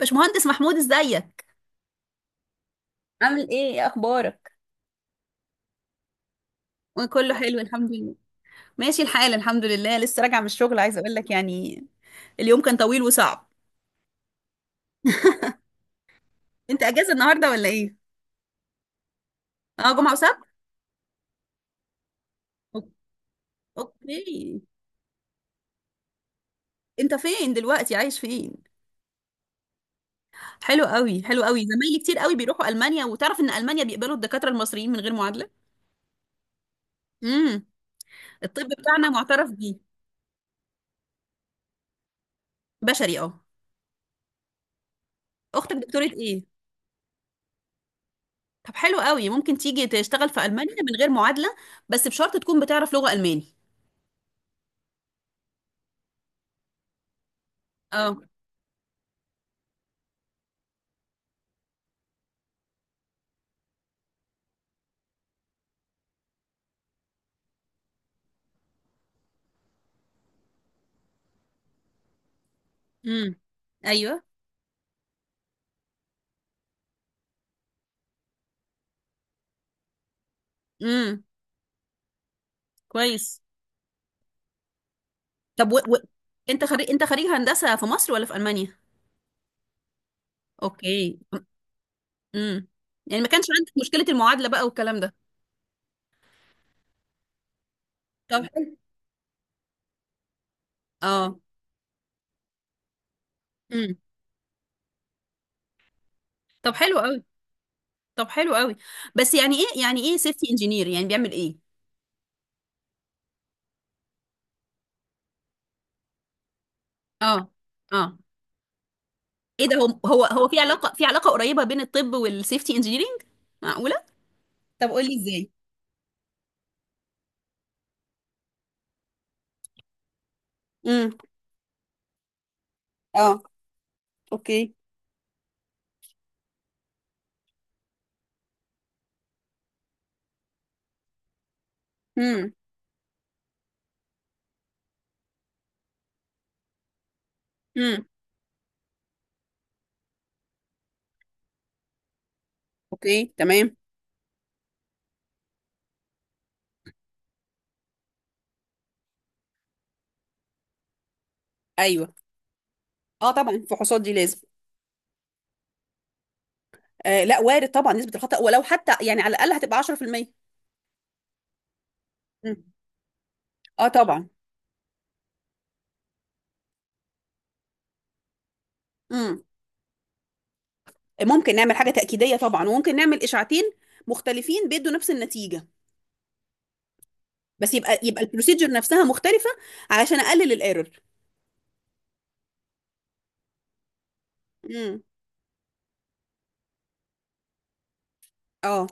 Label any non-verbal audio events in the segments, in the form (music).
باشمهندس محمود، ازيك؟ عامل ايه؟ ايه اخبارك؟ وكله حلو، الحمد لله. ماشي الحال، الحمد لله. لسه راجعه من الشغل، عايزه اقول لك يعني اليوم كان طويل وصعب. انت اجازه النهارده ولا ايه؟ اه، جمعه وسبت. أوك- اوكي. انت فين دلوقتي؟ عايش فين؟ حلو قوي، حلو قوي. زمايلي كتير قوي بيروحوا المانيا، وتعرف ان المانيا بيقبلوا الدكاتره المصريين من غير معادله. امم الطب بتاعنا معترف بيه. بشري، اه. اختك دكتوره ايه؟ طب حلو قوي، ممكن تيجي تشتغل في المانيا من غير معادله، بس بشرط تكون بتعرف لغه الماني. اه. امم ايوه. امم كويس. طب انت خريج، هندسة في مصر ولا في ألمانيا؟ اوكي. امم يعني ما كانش عندك مشكلة المعادلة بقى والكلام ده؟ طب حلو. اه. امم طب حلو قوي. طب حلو قوي. بس يعني ايه سيفتي انجينير يعني بيعمل ايه؟ اه، اه. ايه ده، هو في علاقة، قريبة بين الطب والسيفتي انجينيرنج؟ معقولة؟ طب قولي ازاي. امم اه. اوكي. امم امم اوكي، تمام. ايوه. اه طبعا، الفحوصات دي لازم. آه لا، وارد طبعا نسبة الخطأ، ولو حتى يعني على الأقل هتبقى 10%. مم. اه طبعا. مم. ممكن نعمل حاجة تأكيدية طبعا، وممكن نعمل إشاعتين مختلفين بيدوا نفس النتيجة، بس يبقى البروسيجر نفسها مختلفة علشان أقلل الإيرور. مم. اه.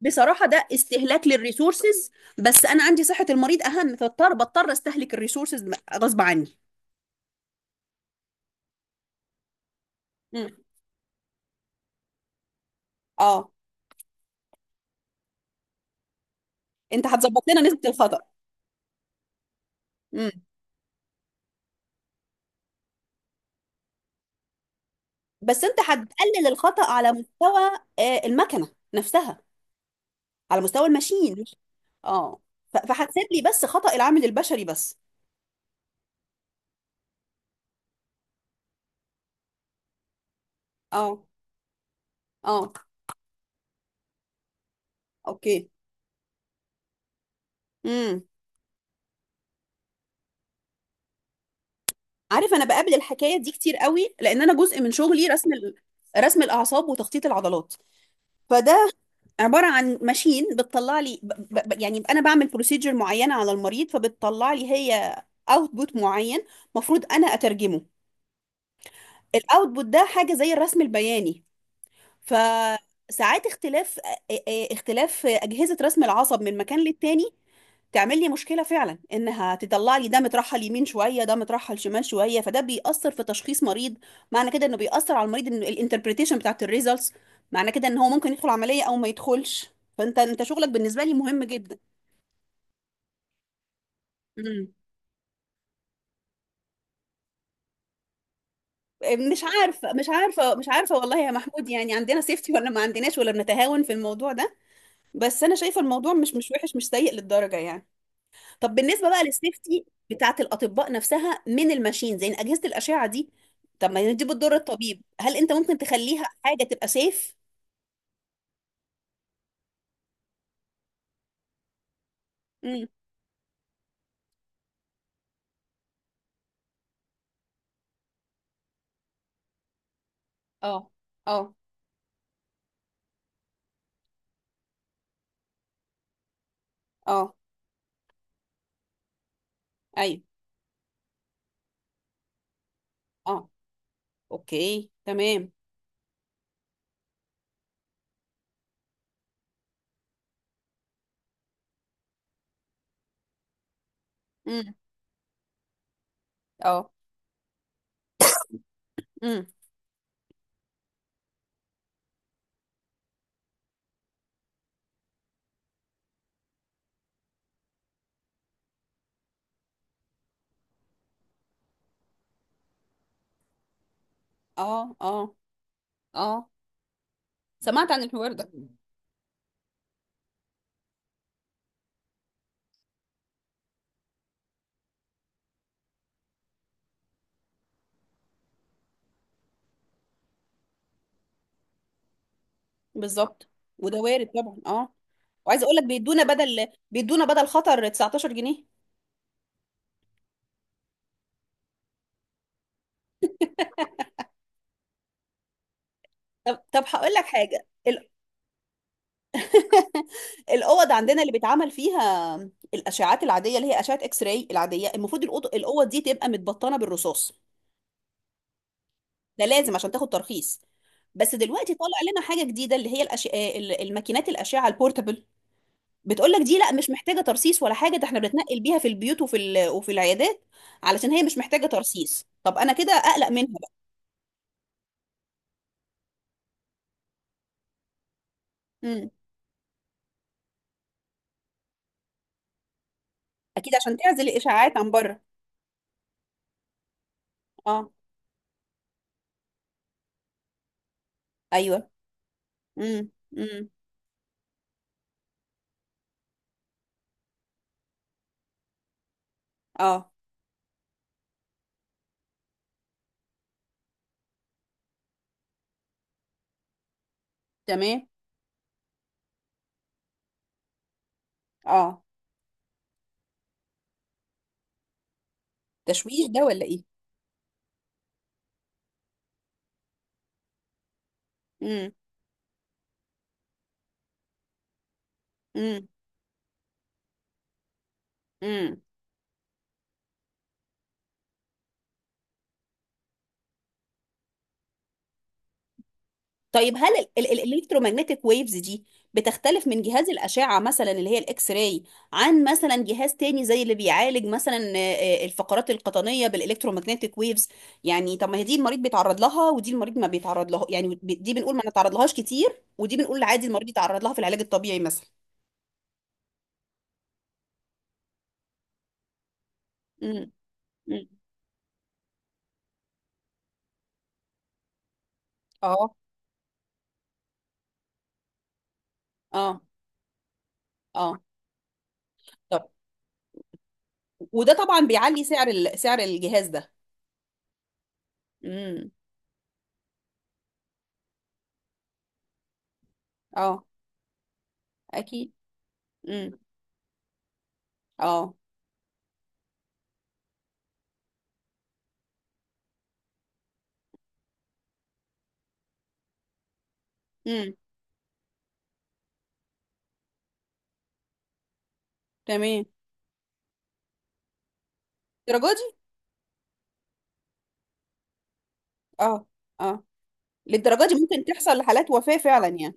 بصراحة ده استهلاك للريسورسز، بس أنا عندي صحة المريض أهم، بضطر أستهلك الريسورسز غصب عني. مم. اه. أنت هتظبط لنا نسبة الخطأ. مم. بس أنت هتقلل الخطأ على مستوى المكنة نفسها، على مستوى الماشين. اه. فهتسيب لي بس خطأ العامل البشري بس. اه، اه. اوكي. امم عارف، انا بقابل الحكايه دي كتير قوي، لان انا جزء من شغلي رسم الاعصاب وتخطيط العضلات. فده عباره عن ماشين بتطلع لي يعني انا بعمل بروسيجر معينه على المريض، فبتطلع لي هي اوتبوت معين مفروض انا اترجمه. الاوتبوت ده حاجه زي الرسم البياني. فساعات اختلاف اختلاف أجهزة رسم العصب من مكان للتاني تعمل لي مشكلة فعلا، انها تطلع لي ده مترحل يمين شوية، ده مترحل شمال شوية، فده بيأثر في تشخيص مريض. معنى كده انه بيأثر على المريض، ان الانتربريتيشن بتاعت الريزلتس، معنى كده ان هو ممكن يدخل عملية او ما يدخلش. فانت شغلك بالنسبة لي مهم جدا. امم مش عارفة، مش عارفة، مش عارفة والله يا محمود، يعني عندنا سيفتي ولا ما عندناش، ولا بنتهاون في الموضوع ده، بس انا شايفة الموضوع مش وحش، مش سيء للدرجة يعني. طب بالنسبه بقى للسيفتي بتاعه الاطباء نفسها من الماشينز، يعني اجهزه الاشعه دي، طب ما دي بتضر الطبيب، هل انت ممكن تخليها حاجه تبقى سيف؟ امم اه، اه، اه. ايوه. اه. اوكي، تمام. امم اه. امم اه، اه، اه. سمعت عن الحوار ده. بالظبط. وده وارد طبعا، اه. وعايزه اقول لك بيدونا بدل، خطر 19 جنيه. طب هقول لك حاجه. (laughs) الاوض عندنا اللي بيتعمل فيها الاشعاعات العاديه، اللي هي اشعه اكس راي العاديه، المفروض الاوض دي تبقى متبطنه بالرصاص. ده لازم عشان تاخد ترخيص. بس دلوقتي طالع لنا حاجه جديده اللي هي الماكينات الاشعه البورتابل. بتقول لك دي لا، مش محتاجه ترصيص ولا حاجه. ده احنا بنتنقل بيها في البيوت وفي العيادات، علشان هي مش محتاجه ترصيص. طب انا كده اقلق منها بقى. امم اكيد عشان تعزل الاشعاعات عن بره. اه. ايوه. امم امم اه، تمام. اه. تشويش ده ولا ايه؟ امم امم طيب هل الالكترومagnetic ويفز دي بتختلف من جهاز الأشعة، مثلا اللي هي الإكس راي، عن مثلا جهاز تاني زي اللي بيعالج مثلا الفقرات القطنية بالالكترومagnetic ويفز؟ يعني طب ما هي دي المريض بيتعرض لها، ودي المريض ما بيتعرض لها، يعني دي بنقول ما نتعرض لهاش كتير، ودي بنقول عادي المريض يتعرض لها في العلاج الطبيعي مثلا. امم امم اه، اه، اه. طب وده طبعا بيعلي سعر الجهاز ده. امم اه. اكيد. امم اه. امم تمام. الدرجة دي؟ اه، اه. للدرجة دي ممكن تحصل لحالات وفاة فعلا يعني؟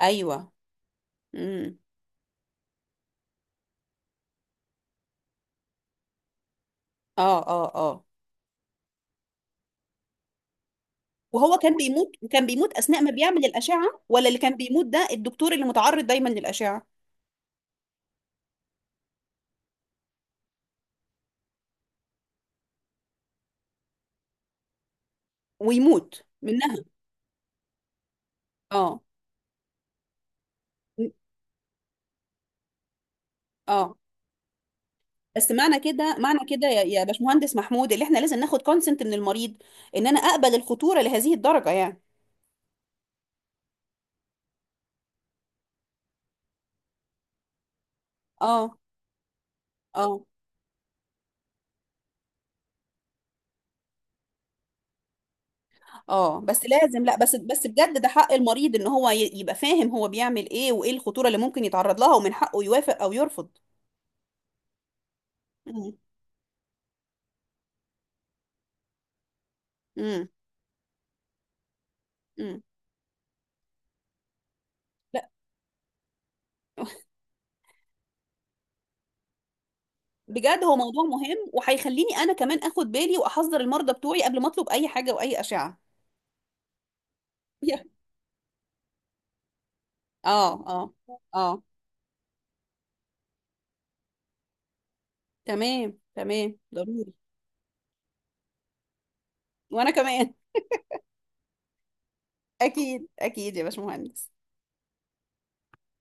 ايوه. امم اه، اه، اه. وهو كان بيموت، اثناء ما بيعمل الاشعة، ولا اللي كان بيموت ده الدكتور اللي متعرض دايما للاشعة ويموت منها؟ اه. م- اه. بس معنى كده، يا باشمهندس محمود، اللي احنا لازم ناخد كونسنت من المريض ان انا اقبل الخطورة لهذه الدرجة يعني. اه، اه، اه. بس لازم، لا، بس بجد ده حق المريض، ان هو يبقى فاهم هو بيعمل ايه وايه الخطورة اللي ممكن يتعرض لها، ومن حقه يوافق او يرفض. امم امم امم لا. (laughs) بجد هو موضوع مهم، وهيخليني انا كمان اخد بالي واحذر المرضى بتوعي قبل ما اطلب اي حاجة واي اشعة. (laughs) اه، اه، اه. تمام، تمام، ضروري. وانا كمان. اكيد، اكيد يا باشمهندس.